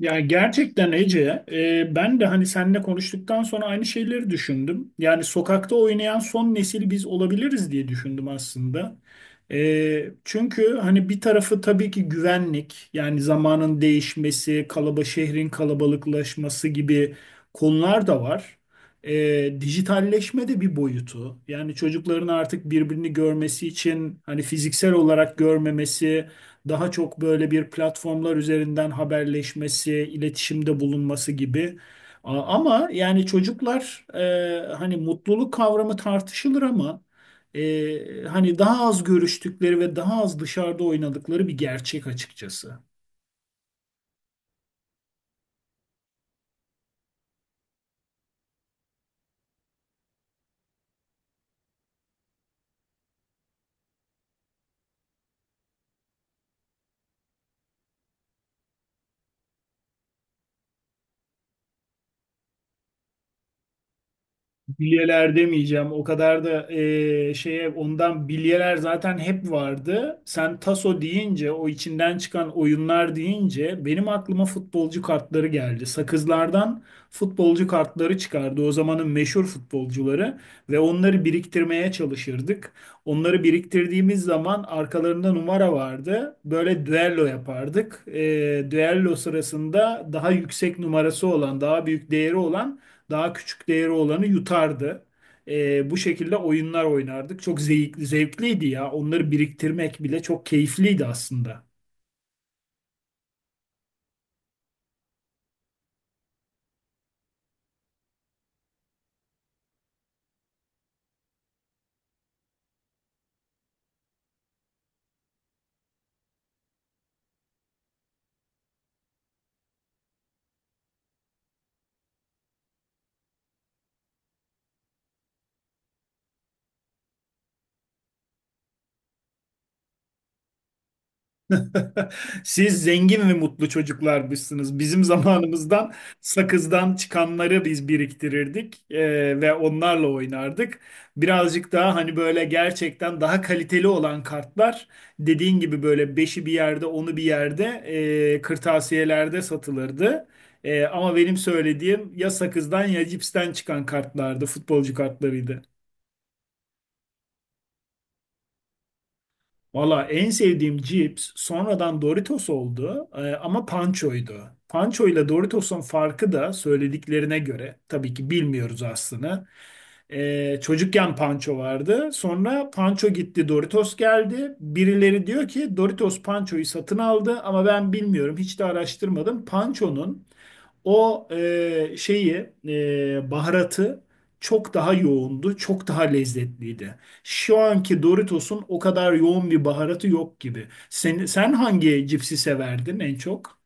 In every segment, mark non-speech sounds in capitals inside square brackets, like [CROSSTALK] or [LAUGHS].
Yani gerçekten Ece, ben de hani seninle konuştuktan sonra aynı şeyleri düşündüm. Yani sokakta oynayan son nesil biz olabiliriz diye düşündüm aslında. Çünkü hani bir tarafı tabii ki güvenlik, yani zamanın değişmesi, şehrin kalabalıklaşması gibi konular da var. Dijitalleşme de bir boyutu. Yani çocukların artık birbirini görmesi için hani fiziksel olarak görmemesi, daha çok böyle bir platformlar üzerinden haberleşmesi, iletişimde bulunması gibi. Ama yani çocuklar hani mutluluk kavramı tartışılır ama hani daha az görüştükleri ve daha az dışarıda oynadıkları bir gerçek açıkçası. Bilyeler demeyeceğim. O kadar da şeye ondan bilyeler zaten hep vardı. Sen taso deyince, o içinden çıkan oyunlar deyince benim aklıma futbolcu kartları geldi. Sakızlardan futbolcu kartları çıkardı. O zamanın meşhur futbolcuları ve onları biriktirmeye çalışırdık. Onları biriktirdiğimiz zaman arkalarında numara vardı. Böyle düello yapardık. Düello sırasında daha yüksek numarası olan, daha büyük değeri olan, daha küçük değeri olanı yutardı. Bu şekilde oyunlar oynardık. Çok zevkli, zevkliydi ya. Onları biriktirmek bile çok keyifliydi aslında. [LAUGHS] Siz zengin ve mutlu çocuklarmışsınız. Bizim zamanımızdan sakızdan çıkanları biz biriktirirdik ve onlarla oynardık. Birazcık daha hani böyle gerçekten daha kaliteli olan kartlar, dediğin gibi böyle beşi bir yerde, onu bir yerde kırtasiyelerde satılırdı. Ama benim söylediğim ya sakızdan ya cipsten çıkan kartlardı, futbolcu kartlarıydı. Valla en sevdiğim cips sonradan Doritos oldu, ama Pancho'ydu. Pancho ile Doritos'un farkı da söylediklerine göre, tabii ki bilmiyoruz aslını. Çocukken Pancho vardı. Sonra Pancho gitti, Doritos geldi. Birileri diyor ki Doritos Pancho'yu satın aldı ama ben bilmiyorum, hiç de araştırmadım. Pancho'nun o baharatı çok daha yoğundu, çok daha lezzetliydi. Şu anki Doritos'un o kadar yoğun bir baharatı yok gibi. Sen hangi cipsi severdin en çok?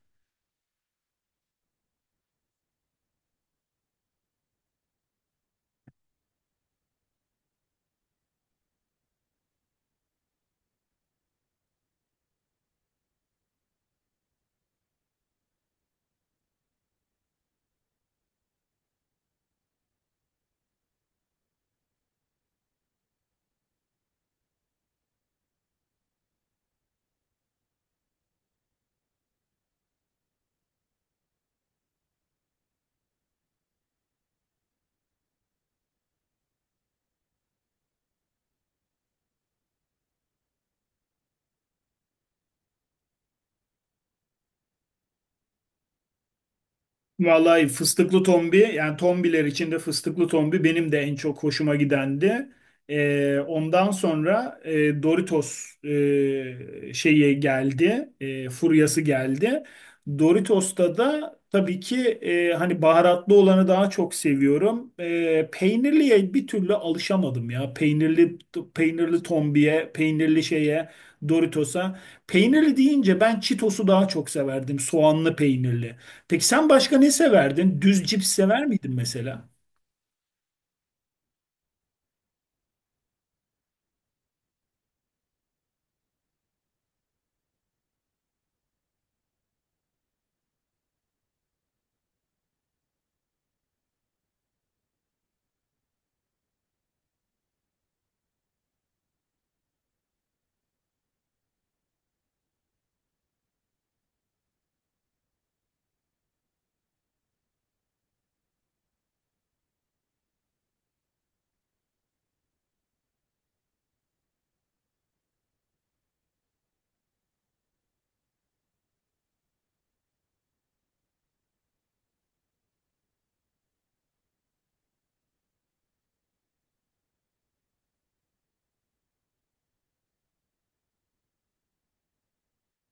Vallahi fıstıklı tombi, yani tombiler içinde fıstıklı tombi benim de en çok hoşuma gidendi. Ondan sonra Doritos furyası geldi. Doritos'ta da tabii ki hani baharatlı olanı daha çok seviyorum. Peynirliye bir türlü alışamadım ya. Peynirli tombiye, peynirli şeye, Doritos'a. Peynirli deyince ben Cheetos'u daha çok severdim. Soğanlı peynirli. Peki sen başka ne severdin? Düz cips sever miydin mesela?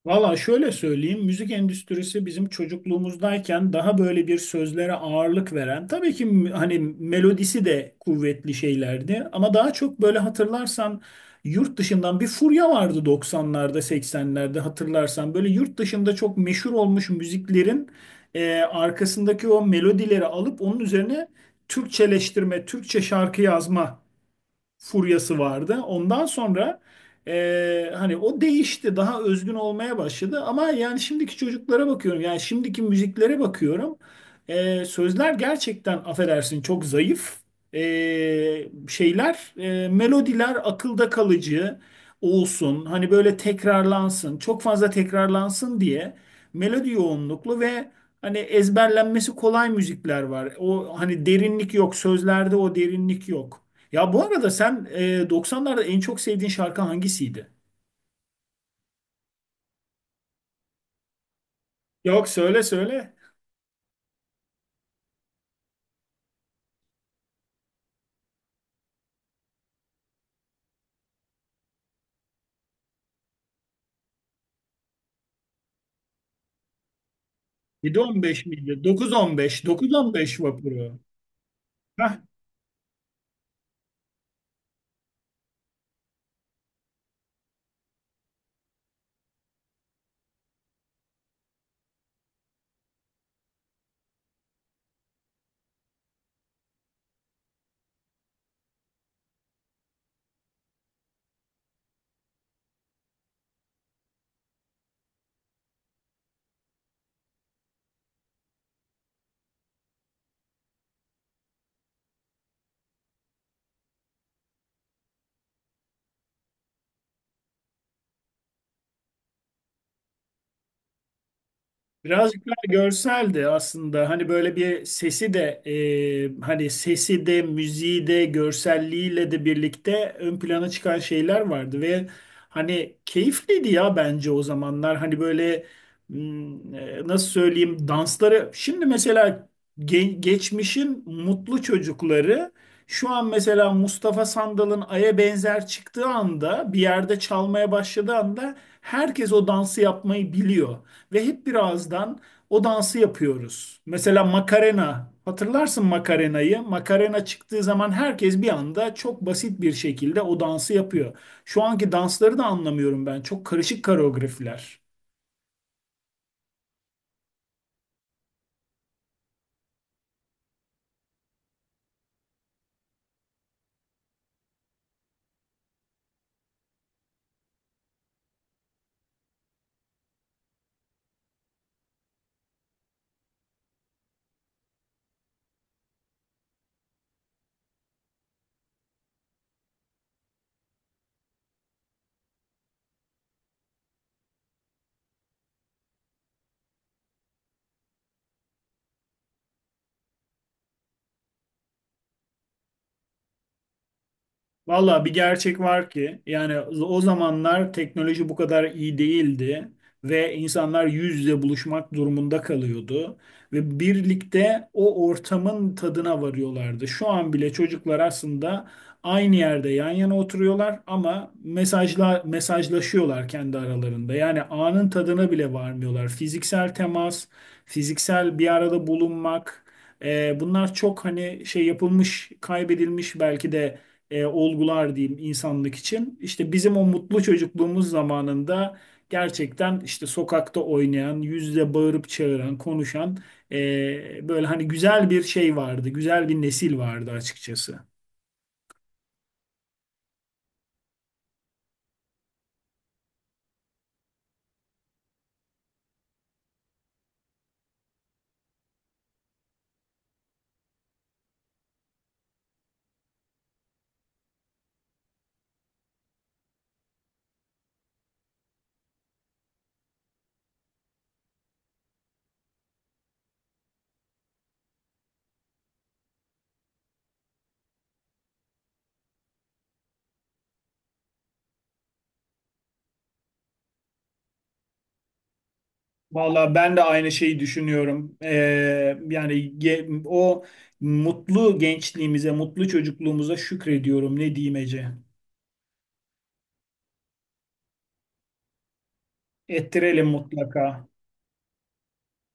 Valla şöyle söyleyeyim, müzik endüstrisi bizim çocukluğumuzdayken daha böyle bir sözlere ağırlık veren, tabii ki hani melodisi de kuvvetli şeylerdi ama daha çok böyle, hatırlarsan yurt dışından bir furya vardı 90'larda, 80'lerde, hatırlarsan böyle yurt dışında çok meşhur olmuş müziklerin arkasındaki o melodileri alıp onun üzerine Türkçeleştirme, Türkçe şarkı yazma furyası vardı. Ondan sonra hani o değişti, daha özgün olmaya başladı. Ama yani şimdiki çocuklara bakıyorum, yani şimdiki müziklere bakıyorum. Sözler gerçekten, affedersin, çok zayıf. E, Melodiler akılda kalıcı olsun, hani böyle tekrarlansın, çok fazla tekrarlansın diye melodi yoğunluklu ve hani ezberlenmesi kolay müzikler var. O hani derinlik yok, sözlerde o derinlik yok. Ya bu arada sen 90'larda en çok sevdiğin şarkı hangisiydi? Yok, söyle. 7:15 miydi? 9:15. 9:15 vapuru. Heh. Birazcık daha görseldi aslında. Hani böyle bir sesi de hani sesi de müziği de görselliğiyle de birlikte ön plana çıkan şeyler vardı ve hani keyifliydi ya bence o zamanlar. Hani böyle nasıl söyleyeyim dansları. Şimdi mesela geçmişin mutlu çocukları, şu an mesela Mustafa Sandal'ın Ay'a benzer çıktığı anda, bir yerde çalmaya başladığı anda, herkes o dansı yapmayı biliyor ve hep bir ağızdan o dansı yapıyoruz. Mesela Macarena, hatırlarsın Macarena'yı. Macarena çıktığı zaman herkes bir anda çok basit bir şekilde o dansı yapıyor. Şu anki dansları da anlamıyorum ben. Çok karışık koreografiler. Valla bir gerçek var ki yani o zamanlar teknoloji bu kadar iyi değildi ve insanlar yüz yüze buluşmak durumunda kalıyordu ve birlikte o ortamın tadına varıyorlardı. Şu an bile çocuklar aslında aynı yerde yan yana oturuyorlar ama mesajla mesajlaşıyorlar kendi aralarında. Yani anın tadına bile varmıyorlar. Fiziksel temas, fiziksel bir arada bulunmak, bunlar çok hani şey yapılmış, kaybedilmiş belki de olgular diyeyim insanlık için. İşte bizim o mutlu çocukluğumuz zamanında gerçekten işte sokakta oynayan, yüzle bağırıp çağıran, konuşan, böyle hani güzel bir şey vardı, güzel bir nesil vardı açıkçası. Valla ben de aynı şeyi düşünüyorum. Yani O mutlu gençliğimize, mutlu çocukluğumuza şükrediyorum. Ne diyeyim Ece? Ettirelim mutlaka.